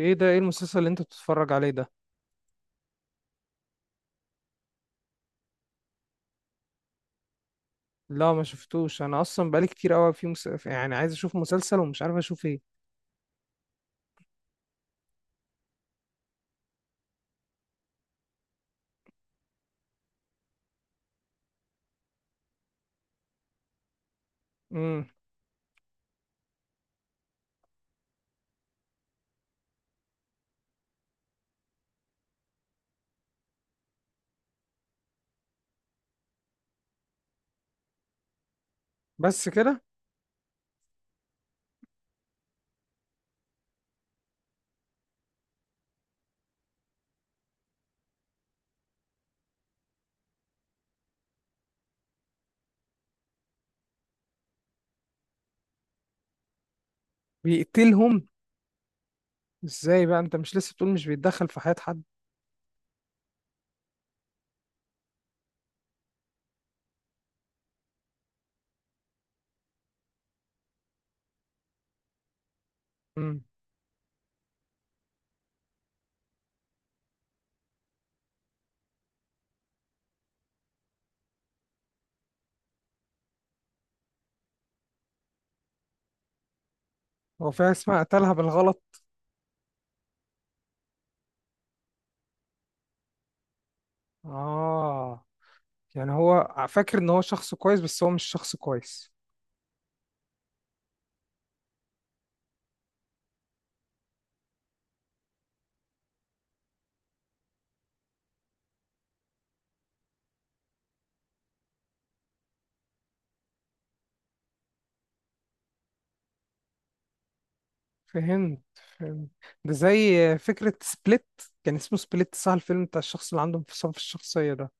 ايه ده، ايه المسلسل اللي انت بتتفرج عليه ده؟ لا، ما شفتوش. انا اصلا بقالي كتير قوي في يعني عايز اشوف مسلسل ومش عارف اشوف ايه. امم. بس كده؟ بيقتلهم؟ ازاي بقى، انت مش لسه بتقول مش بيتدخل في حياة حد؟ امم. هو في حاجة اسمها قتلها بالغلط؟ اه. يعني هو فاكر ان هو شخص كويس بس هو مش شخص كويس؟ فهمت. فهمت. ده زي فكرة سبليت. كان اسمه سبليت صح؟ الفيلم بتاع الشخص اللي عنده انفصام في الشخصية ده.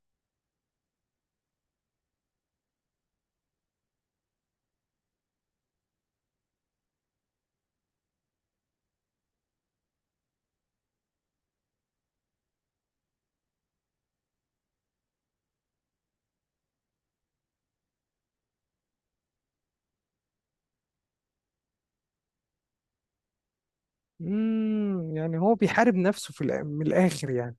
امم، يعني هو بيحارب نفسه في من الآخر يعني.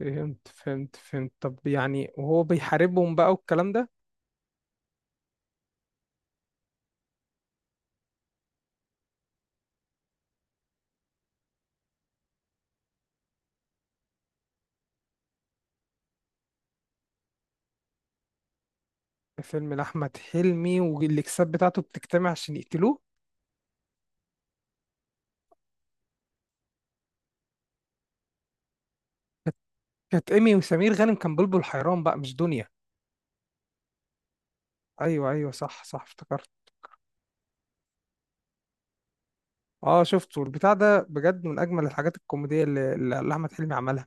فهمت فهمت فهمت. طب يعني وهو بيحاربهم بقى والكلام ده. فيلم لأحمد حلمي والإكسات بتاعته بتجتمع عشان يقتلوه؟ كانت إيمي وسمير غانم، كان بلبل حيران بقى، مش دنيا. أيوه أيوه، صح صح، افتكرت. أه شفته، البتاع ده بجد من أجمل الحاجات الكوميدية اللي أحمد حلمي عملها.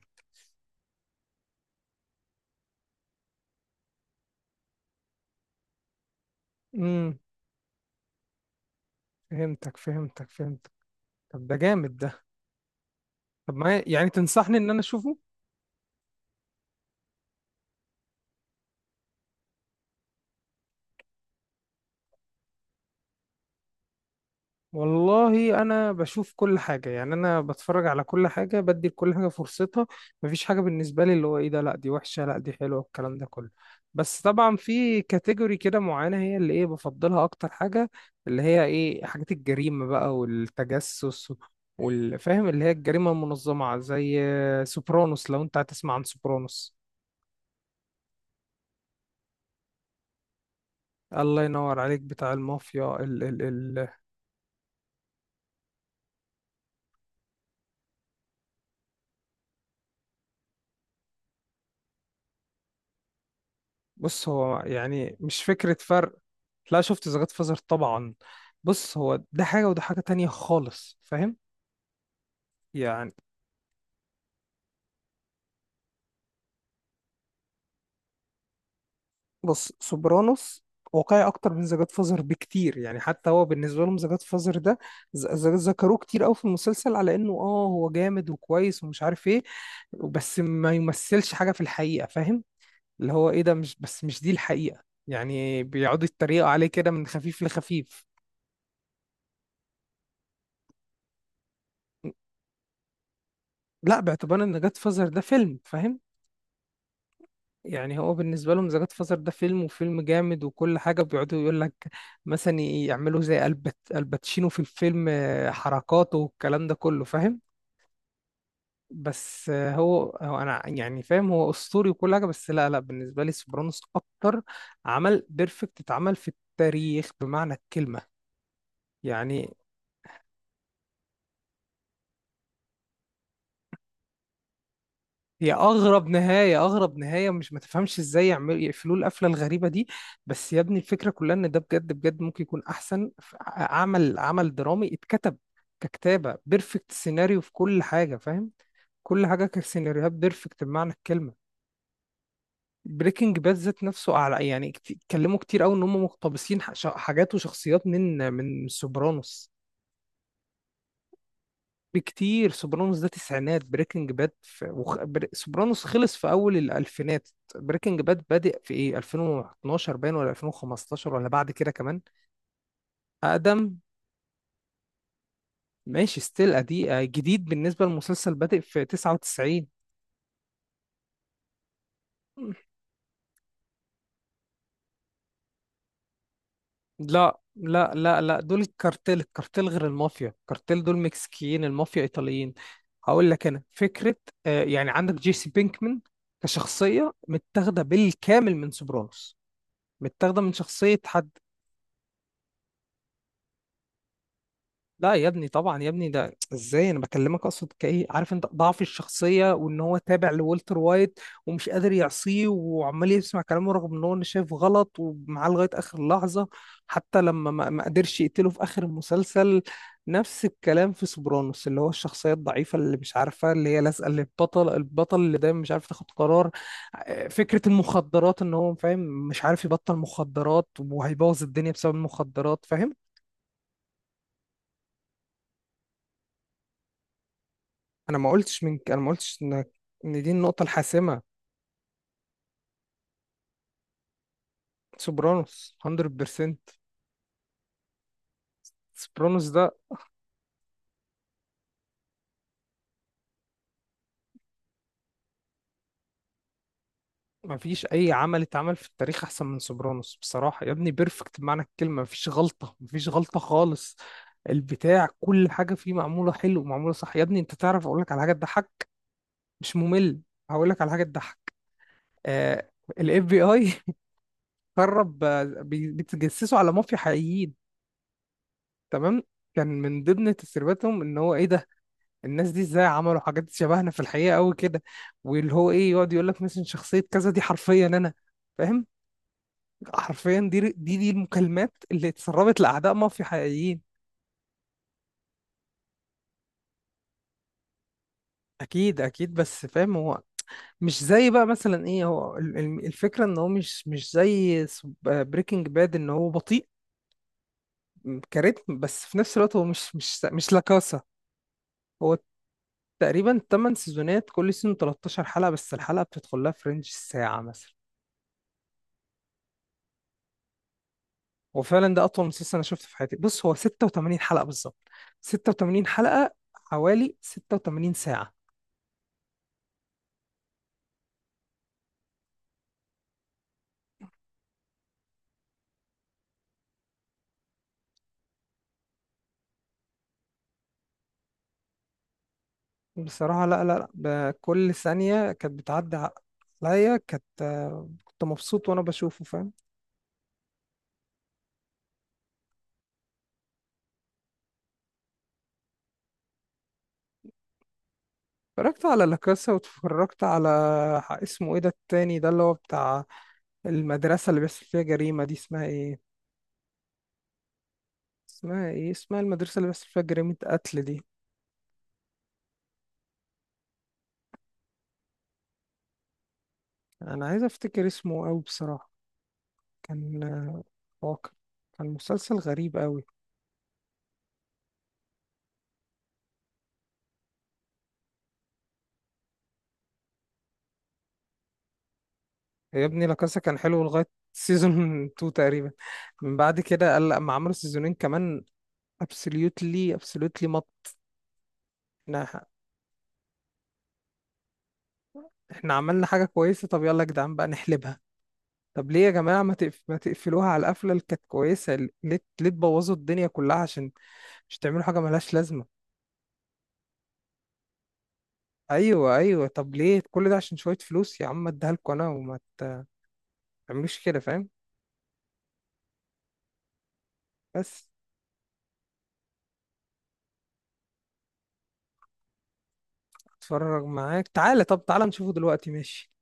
امم. فهمتك فهمتك فهمتك. طب ده جامد ده. طب ما يعني تنصحني إن أنا أشوفه؟ والله انا بشوف كل حاجه، يعني انا بتفرج على كل حاجه، بدي لكل حاجه فرصتها. مفيش حاجه بالنسبه لي اللي هو ايه ده، لا دي وحشه، لا دي حلوه، الكلام ده كله. بس طبعا في كاتيجوري كده معينه هي اللي ايه بفضلها اكتر حاجه. اللي هي ايه، حاجات الجريمه بقى والتجسس والفاهم، اللي هي الجريمه المنظمه زي سوبرانوس. لو انت هتسمع عن سوبرانوس. الله ينور عليك، بتاع المافيا. بص، هو يعني مش فكرة فرق. لا، شفت ذا جاد فازر طبعا. بص، هو ده حاجة وده حاجة تانية خالص، فاهم؟ يعني. بص سوبرانوس واقعي اكتر من ذا جاد فازر بكتير، يعني حتى هو بالنسبة لهم ذا جاد فازر ده ذكروه كتير قوي في المسلسل على انه اه هو جامد وكويس ومش عارف ايه، بس ما يمثلش حاجة في الحقيقة، فاهم؟ اللي هو ايه ده، مش بس مش دي الحقيقة، يعني بيقعدوا يتريقوا عليه كده من خفيف لخفيف. لا، باعتبار ان جاد فازر ده فيلم، فاهم؟ يعني هو بالنسبة لهم زكاة فصل ده فيلم وفيلم جامد وكل حاجة، بيقعدوا يقول لك مثلا يعملوا زي البت الباتشينو في الفيلم آه، حركاته والكلام ده كله، فاهم؟ بس آه، هو انا يعني فاهم هو اسطوري وكل حاجة، بس لا لا، بالنسبة لي سوبرانوس اكتر عمل بيرفكت اتعمل في التاريخ بمعنى الكلمة. يعني. هي اغرب نهايه، اغرب نهايه، مش ما تفهمش ازاي يعملوا يقفلوا القفله الغريبه دي، بس يا ابني الفكره كلها ان ده بجد بجد ممكن يكون احسن عمل درامي اتكتب، ككتابه بيرفكت، سيناريو في كل حاجه، فاهم؟ كل حاجه كسيناريوهات بيرفكت بمعنى الكلمه. بريكنج باد ذات نفسه، على يعني اتكلموا كتير قوي ان هم مقتبسين حاجات وشخصيات من سوبرانوس. بكتير، سوبرانوس ده تسعينات، بريكنج باد في سوبرانوس خلص في اول الالفينات. بريكنج باد بادئ في ايه، 2012 باين، ولا 2015، ولا بعد كده كمان؟ اقدم، ماشي ستيل ادي آه، جديد بالنسبه للمسلسل، بادئ في 99. لا لا لا لا، دول الكارتيل، الكارتيل غير المافيا، الكارتيل دول مكسيكيين، المافيا ايطاليين. هقول لك انا فكره. آه، يعني عندك جيسي بينكمان كشخصيه متاخده بالكامل من سوبرانوس، متاخده من شخصيه حد. لا يا ابني طبعا يا ابني، ده ازاي انا بكلمك، اقصد كايه عارف انت ضعف الشخصيه، وان هو تابع لولتر وايت ومش قادر يعصيه وعمال يسمع كلامه رغم ان هو انا شايف غلط، ومعاه لغايه اخر لحظه، حتى لما ما قدرش يقتله في اخر المسلسل. نفس الكلام في سوبرانوس، اللي هو الشخصيه الضعيفه اللي مش عارفه، اللي هي لازقه للبطل، البطل اللي دايما مش عارف تاخد قرار. آه، فكره المخدرات ان هو فاهم، مش عارف يبطل مخدرات وهيبوظ الدنيا بسبب المخدرات، فاهم؟ انا ما قلتش ان دي النقطه الحاسمه. سوبرانوس، 100%. سوبرانوس ده، ما فيش اي عمل اتعمل في التاريخ احسن من سوبرانوس بصراحه يا ابني، بيرفكت بمعنى الكلمه، ما فيش غلطه، ما فيش غلطه خالص، البتاع كل حاجه فيه معموله حلو، معموله صح يا ابني، انت تعرف اقول لك على حاجه تضحك؟ مش ممل. هقول لك على حاجه تضحك. آه، الاف بي اي قرب، آه، بيتجسسوا على مافيا حقيقيين. تمام، كان من ضمن تسريباتهم ان هو ايه ده، الناس دي ازاي عملوا حاجات شبهنا في الحقيقة قوي كده، واللي هو ايه، يقعد يقول لك مثلا شخصية كذا دي حرفيا انا، فاهم؟ حرفيا دي المكالمات اللي اتسربت لأعداء مافيا حقيقيين. اكيد اكيد، بس فاهم، هو مش زي بقى مثلا ايه، هو الفكرة ان هو مش زي بريكنج باد ان هو بطيء كريتم، بس في نفس الوقت هو مش لاكاسا. هو تقريبا 8 سيزونات، كل سيزون 13 حلقة، بس الحلقة بتدخل لها في رينج الساعة مثلا. وفعلا ده اطول مسلسل انا شفته في حياتي، بص هو 86 حلقة بالظبط، 86 حلقة حوالي 86 ساعة. بصراحة لا لا لا، بكل ثانية كانت بتعدي عليا، كانت آه، كنت مبسوط وانا بشوفه، فاهم؟ اتفرجت على لاكاسا، واتفرجت على اسمه ايه ده التاني ده، اللي هو بتاع المدرسة اللي بيحصل فيها جريمة دي، اسمها ايه؟ اسمها ايه، اسمها المدرسة اللي بيحصل فيها جريمة قتل دي؟ انا عايز افتكر اسمه اوي بصراحة، كان آه، واقع، كان مسلسل غريب اوي. يا ابني لاكاسا كان حلو لغاية سيزون 2 تقريبا، من بعد كده قال لما عملوا سيزونين كمان، ابسوليوتلي مط. احنا احنا عملنا حاجة كويسة، طب يلا يا جدعان بقى نحلبها. طب ليه يا جماعة ما تقفلوها على القفلة اللي كانت كويسة؟ ليه؟ ليه تبوظوا الدنيا كلها عشان مش تعملوا حاجة ملهاش لازمة؟ ايوه ايوه، طب ليه كل ده عشان شوية فلوس يا عم؟ اديها لكم انا وما تعملوش كده، فاهم؟ بس اتفرج معاك، تعالى، طب تعالى نشوفه دلوقتي، ماشي.